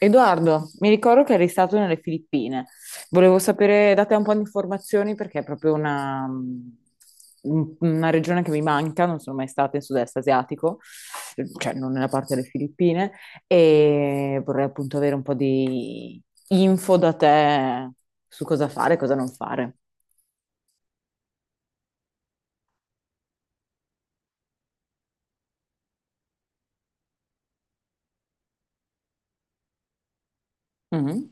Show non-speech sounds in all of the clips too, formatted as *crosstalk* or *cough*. Edoardo, mi ricordo che eri stato nelle Filippine. Volevo sapere da te un po' di informazioni perché è proprio una regione che mi manca, non sono mai stata in sud-est asiatico, cioè non nella parte delle Filippine, e vorrei appunto avere un po' di info da te su cosa fare e cosa non fare. Mhm.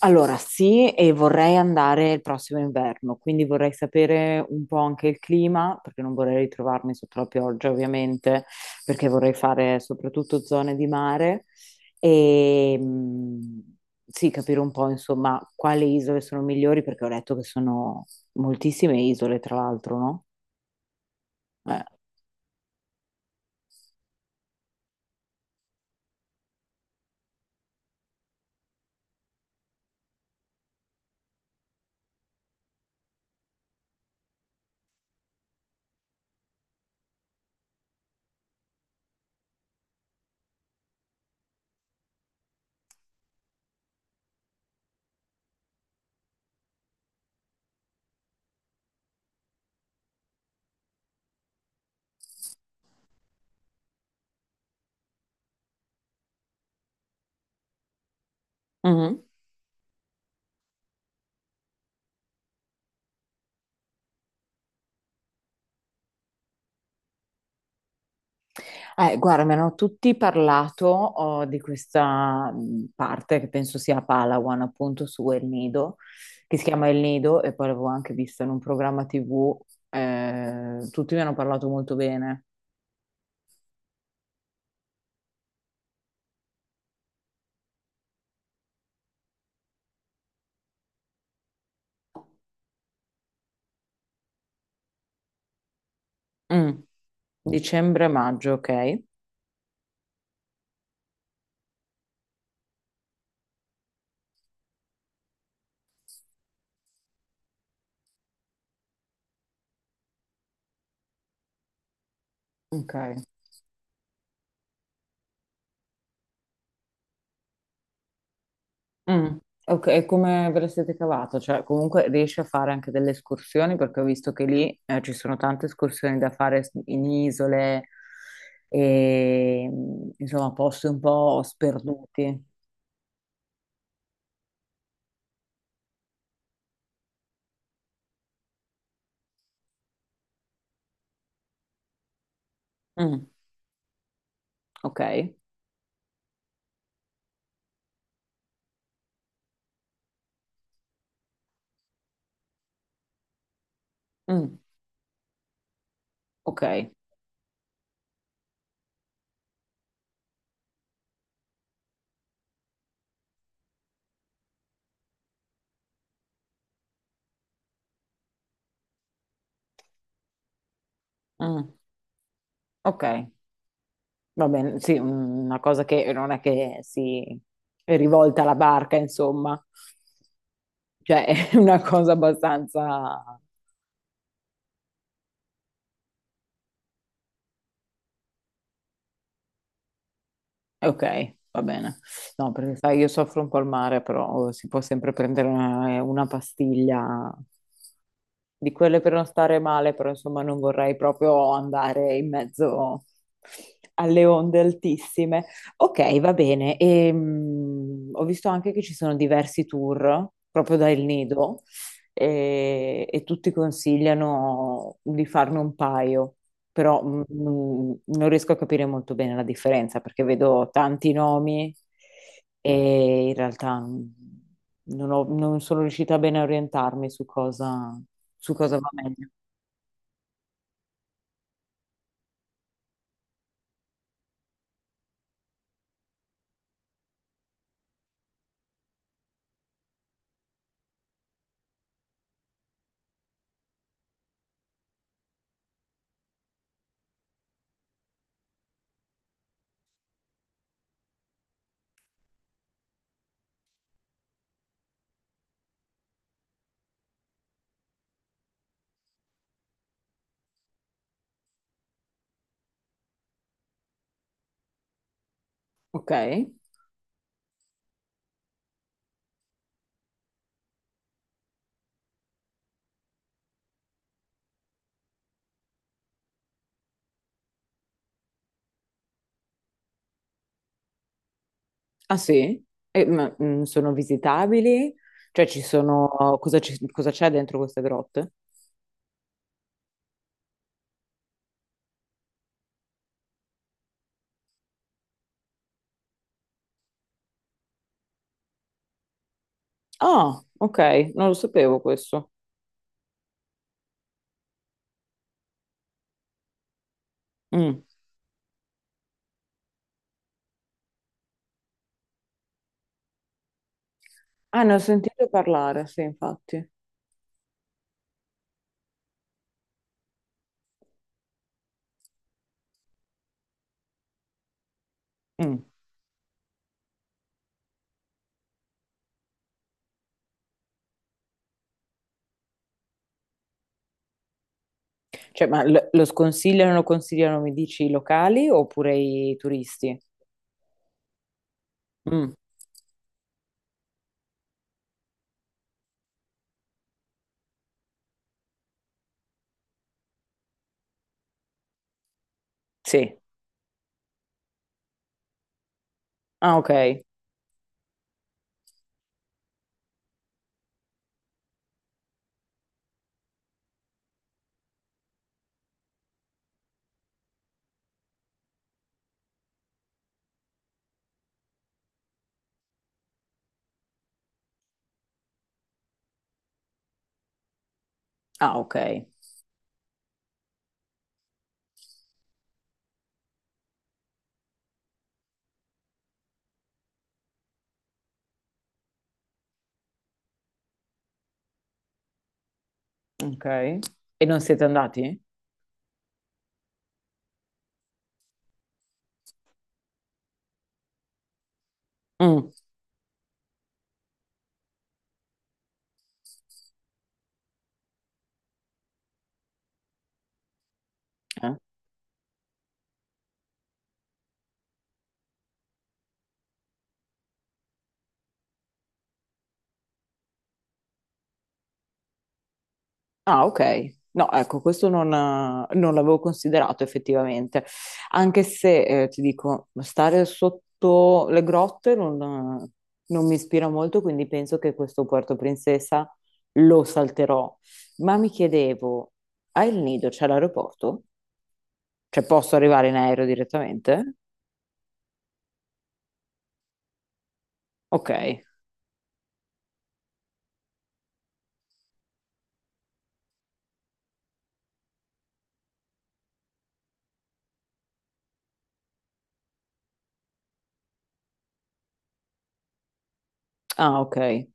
Allora, sì, e vorrei andare il prossimo inverno, quindi vorrei sapere un po' anche il clima, perché non vorrei ritrovarmi sotto la pioggia, ovviamente, perché vorrei fare soprattutto zone di mare e sì, capire un po', insomma, quali isole sono migliori, perché ho letto che sono moltissime isole, tra l'altro, no? Eh. Guarda, mi hanno tutti parlato, oh, di questa parte che penso sia a Palawan, appunto su El Nido, che si chiama El Nido, e poi l'avevo anche visto in un programma TV. Eh, tutti mi hanno parlato molto bene. Mm. Dicembre-maggio, ok? Ok. Mm, ok, e come ve la siete cavata? Cioè, comunque riesci a fare anche delle escursioni perché ho visto che lì ci sono tante escursioni da fare in isole e insomma posti un po' sperduti. Mm, ok. Mm, ok. Mm, ok, va bene, sì, una cosa che non è che si è rivolta alla barca, insomma, cioè *laughs* è una cosa abbastanza... Ok, va bene. No, perché sai, io soffro un po' al mare, però oh, si può sempre prendere una pastiglia di quelle per non stare male, però insomma non vorrei proprio andare in mezzo alle onde altissime. Ok, va bene. Ho visto anche che ci sono diversi tour proprio da El Nido e tutti consigliano di farne un paio però non riesco a capire molto bene la differenza perché vedo tanti nomi e in realtà non sono riuscita bene a orientarmi su su cosa va meglio. Ok? Ah sì? Sono visitabili? Cioè ci sono... cosa c'è dentro queste grotte? Ah, ok, non lo sapevo questo. Mm. Ah, ne ho sentito parlare, sì, infatti. Mm. Cioè, ma lo sconsigliano, lo consigliano, mi dici, i locali oppure i turisti? Mm, sì. Ah, ok. Ah, ok. Ok. E non siete andati? Mm, eh. Ah, ok. No, ecco, questo non l'avevo considerato effettivamente. Anche se, ti dico, stare sotto le grotte eh, non mi ispira molto, quindi penso che questo Puerto Princesa lo salterò. Ma mi chiedevo, a El Nido c'è l'aeroporto? Cioè, posso arrivare in aereo direttamente? Ok. Ah, ok.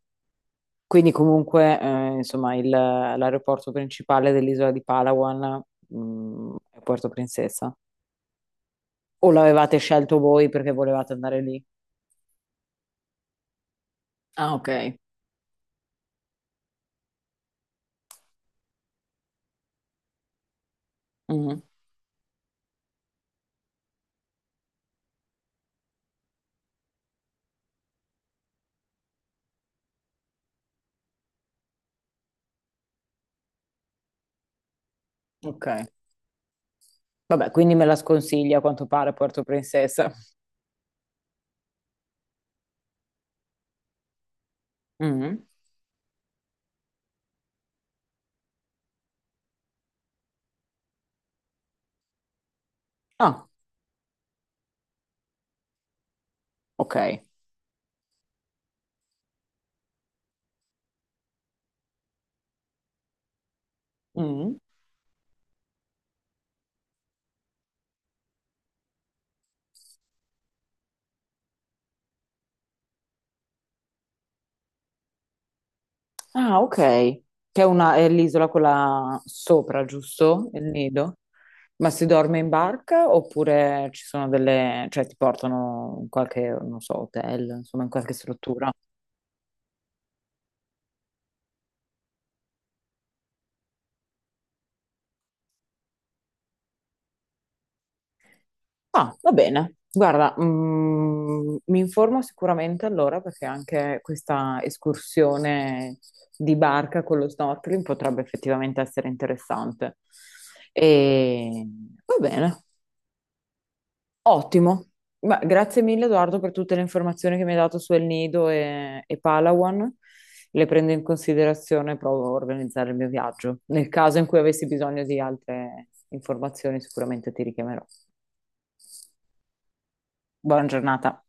Quindi comunque, insomma, l'aeroporto principale dell'isola di Palawan, è Puerto Princesa. O l'avevate scelto voi perché volevate andare lì? Ah, ok. Mm, ok. Vabbè, quindi me la sconsiglia a quanto pare Puerto Princesa. Mm. Ah, ok. Mm. Ah, ok. Che è è l'isola quella sopra, giusto? Il nido? Ma si dorme in barca oppure ci sono delle, cioè ti portano in qualche, non so, hotel, insomma, in qualche struttura? Ah, va bene. Guarda, mi informo sicuramente allora perché anche questa escursione di barca con lo snorkeling potrebbe effettivamente essere interessante. E va bene. Ottimo, ma grazie mille Edoardo per tutte le informazioni che mi hai dato su El Nido e Palawan. Le prendo in considerazione e provo a organizzare il mio viaggio. Nel caso in cui avessi bisogno di altre informazioni, sicuramente ti richiamerò. Buona giornata.